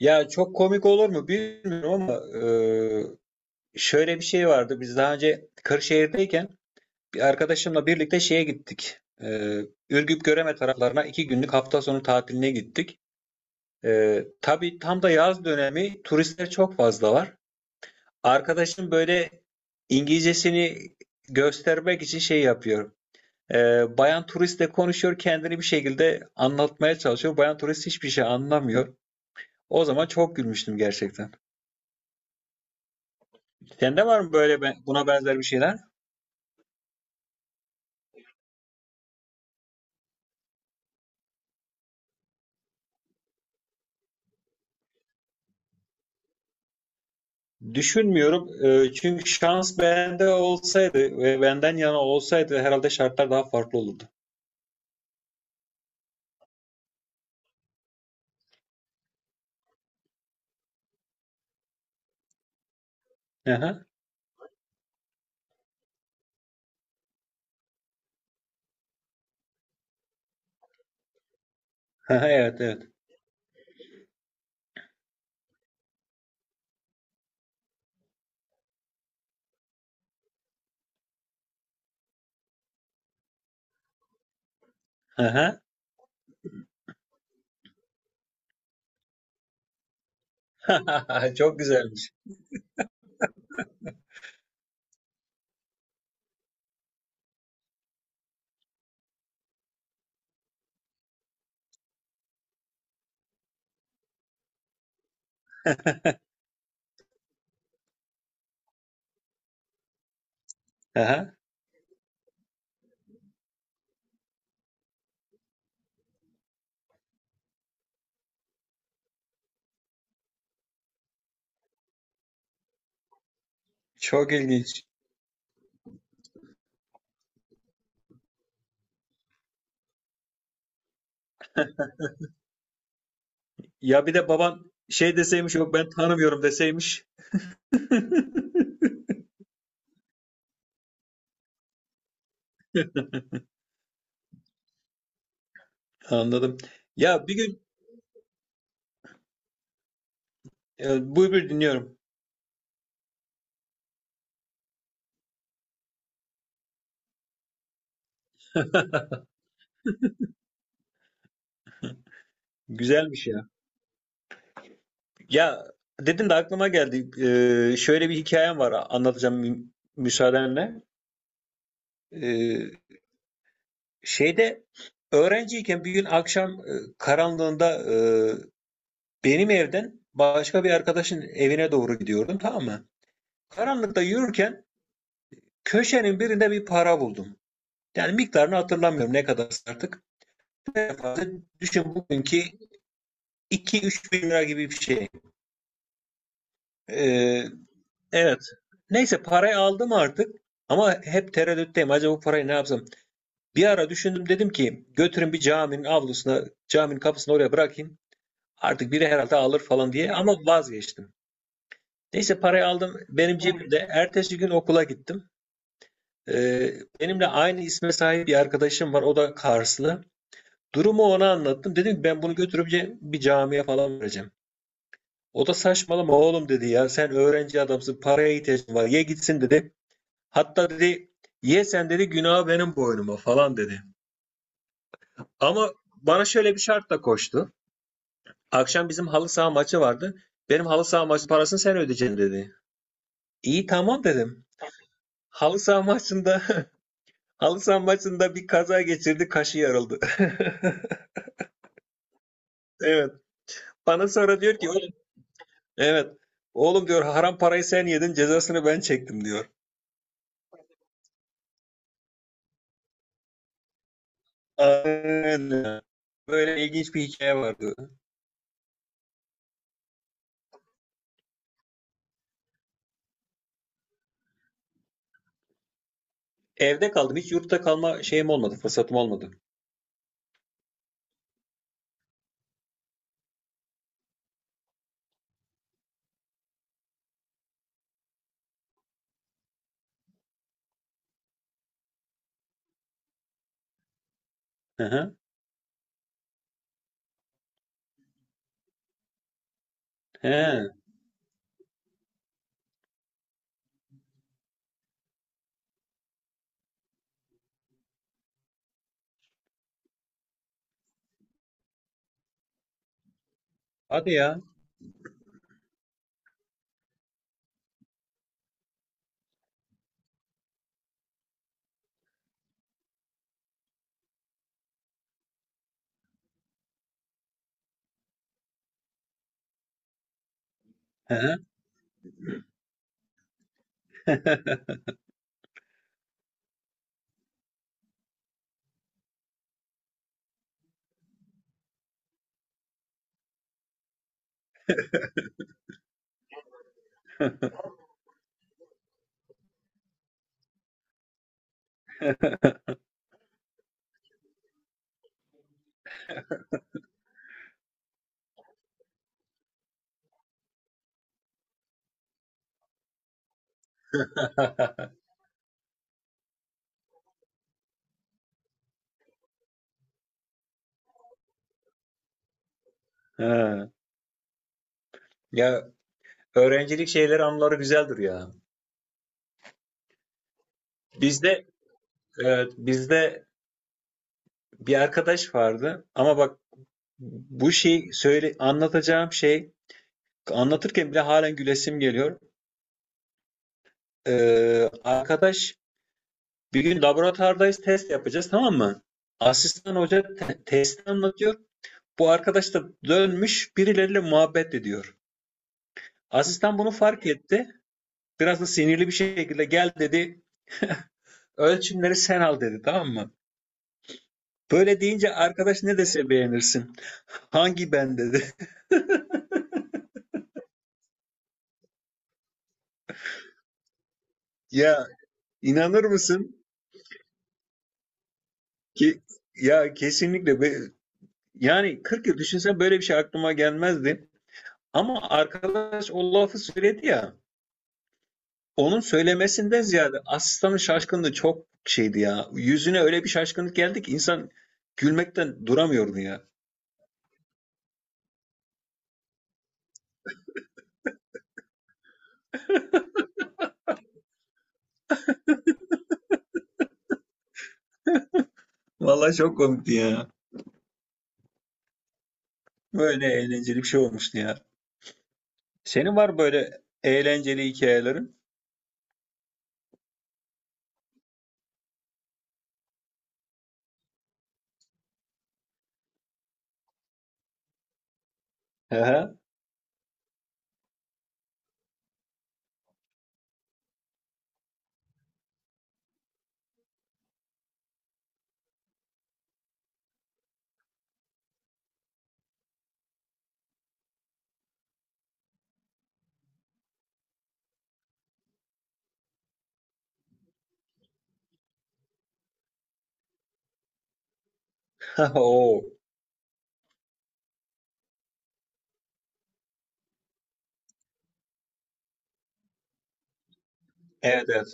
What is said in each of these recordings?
Ya çok komik olur mu bilmiyorum ama e, şöyle bir şey vardı. Biz daha önce Kırşehir'deyken bir arkadaşımla birlikte şeye gittik. Ürgüp Göreme taraflarına iki günlük hafta sonu tatiline gittik. Tabii tam da yaz dönemi turistler çok fazla var. Arkadaşım böyle İngilizcesini göstermek için şey yapıyor. E, Bayan turistle konuşuyor, kendini bir şekilde anlatmaya çalışıyor. Bayan turist hiçbir şey anlamıyor. O zaman çok gülmüştüm gerçekten. Sende var mı böyle buna benzer bir şeyler? Düşünmüyorum. Çünkü şans bende olsaydı ve benden yana olsaydı herhalde şartlar daha farklı olurdu. Aha. Aha, evet evet. Aha. Çok güzelmiş. Aha. Çok ilginç. Ya bir de baban şey deseymiş, yok ben tanımıyorum deseymiş. Anladım. Ya bir gün buyur buyur dinliyorum. Güzelmiş ya. Ya dedin de aklıma geldi. Şöyle bir hikayem var, anlatacağım müsaadenle. Ee, Şeyde öğrenciyken bir gün akşam karanlığında benim evden başka bir arkadaşın evine doğru gidiyordum, tamam mı? Karanlıkta yürürken köşenin birinde bir para buldum. Yani miktarını hatırlamıyorum ne kadar artık. Ne kadar? Düşün bugünkü 2-3 bin lira gibi bir şey. Ee, Evet. Neyse parayı aldım artık ama hep tereddütteyim. Acaba bu parayı ne yapsam? Bir ara düşündüm, dedim ki götürün bir caminin avlusuna, caminin kapısına oraya bırakayım. Artık biri herhalde alır falan diye, ama vazgeçtim. Neyse parayı aldım benim cebimde. Ertesi gün okula gittim. Ee, Benimle aynı isme sahip bir arkadaşım var. O da Karslı. Durumu ona anlattım. Dedim ki ben bunu götürüp bir camiye falan vereceğim. O da saçmalama oğlum dedi ya. Sen öğrenci adamsın. Paraya ihtiyacın var. Ye gitsin dedi. Hatta dedi ye sen dedi, günah benim boynuma falan dedi. Ama bana şöyle bir şartla koştu. Akşam bizim halı saha maçı vardı. Benim halı saha maçı parasını sen ödeyeceksin dedi. İyi tamam dedim. Halı saha maçında halı saha maçında bir kaza geçirdi, kaşı yarıldı. Evet. Bana sonra diyor ki oğlum, evet. Oğlum diyor haram parayı sen yedin, cezasını ben çektim diyor. Aynen. Böyle ilginç bir hikaye vardı. Evde kaldım. Hiç yurtta kalma şeyim olmadı, fırsatım olmadı. Hı hı. He, hadi ya. He. He. Ya öğrencilik şeyleri anıları güzeldir ya. Bizde evet, bizde bir arkadaş vardı ama bak bu şey söyle anlatacağım şey anlatırken bile halen gülesim geliyor. Arkadaş bir gün laboratuvardayız, test yapacağız, tamam mı? Asistan hoca testi anlatıyor. Bu arkadaş da dönmüş birileriyle muhabbet ediyor. Asistan bunu fark etti. Biraz da sinirli bir şekilde gel dedi. Ölçümleri sen al dedi, tamam mı? Böyle deyince arkadaş ne dese beğenirsin. Hangi ben dedi. Ya inanır mısın ki ya kesinlikle yani 40 yıl düşünsen böyle bir şey aklıma gelmezdi. Ama arkadaş o lafı söyledi ya. Onun söylemesinden ziyade asistanın şaşkınlığı çok şeydi ya. Yüzüne öyle bir şaşkınlık geldi ki insan gülmekten duramıyordu ya. Vallahi çok komikti ya. Böyle eğlenceli bir şey olmuştu ya. Senin var böyle eğlenceli hikayelerin? Hı Oo. Evet evet.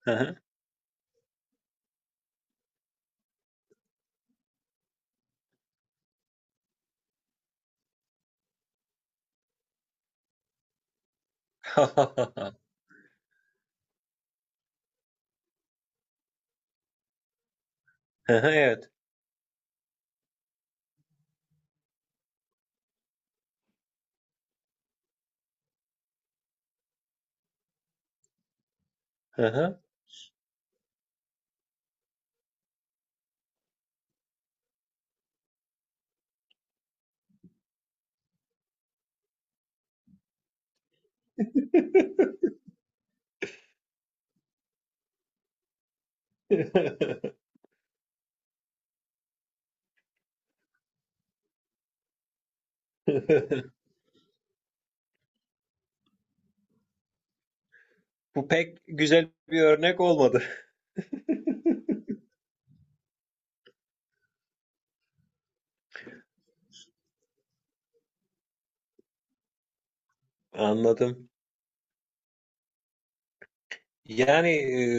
Hı hı. Evet. Hı Bu pek güzel bir örnek olmadı. Anladım. Yani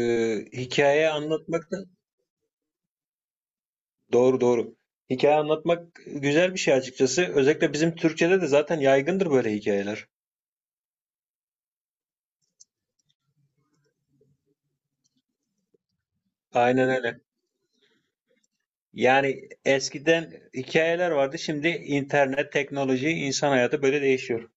hikaye anlatmak da doğru doğru. Hikaye anlatmak güzel bir şey açıkçası. Özellikle bizim Türkçe'de de zaten yaygındır böyle hikayeler. Aynen öyle. Yani eskiden hikayeler vardı. Şimdi internet, teknoloji, insan hayatı böyle değişiyor.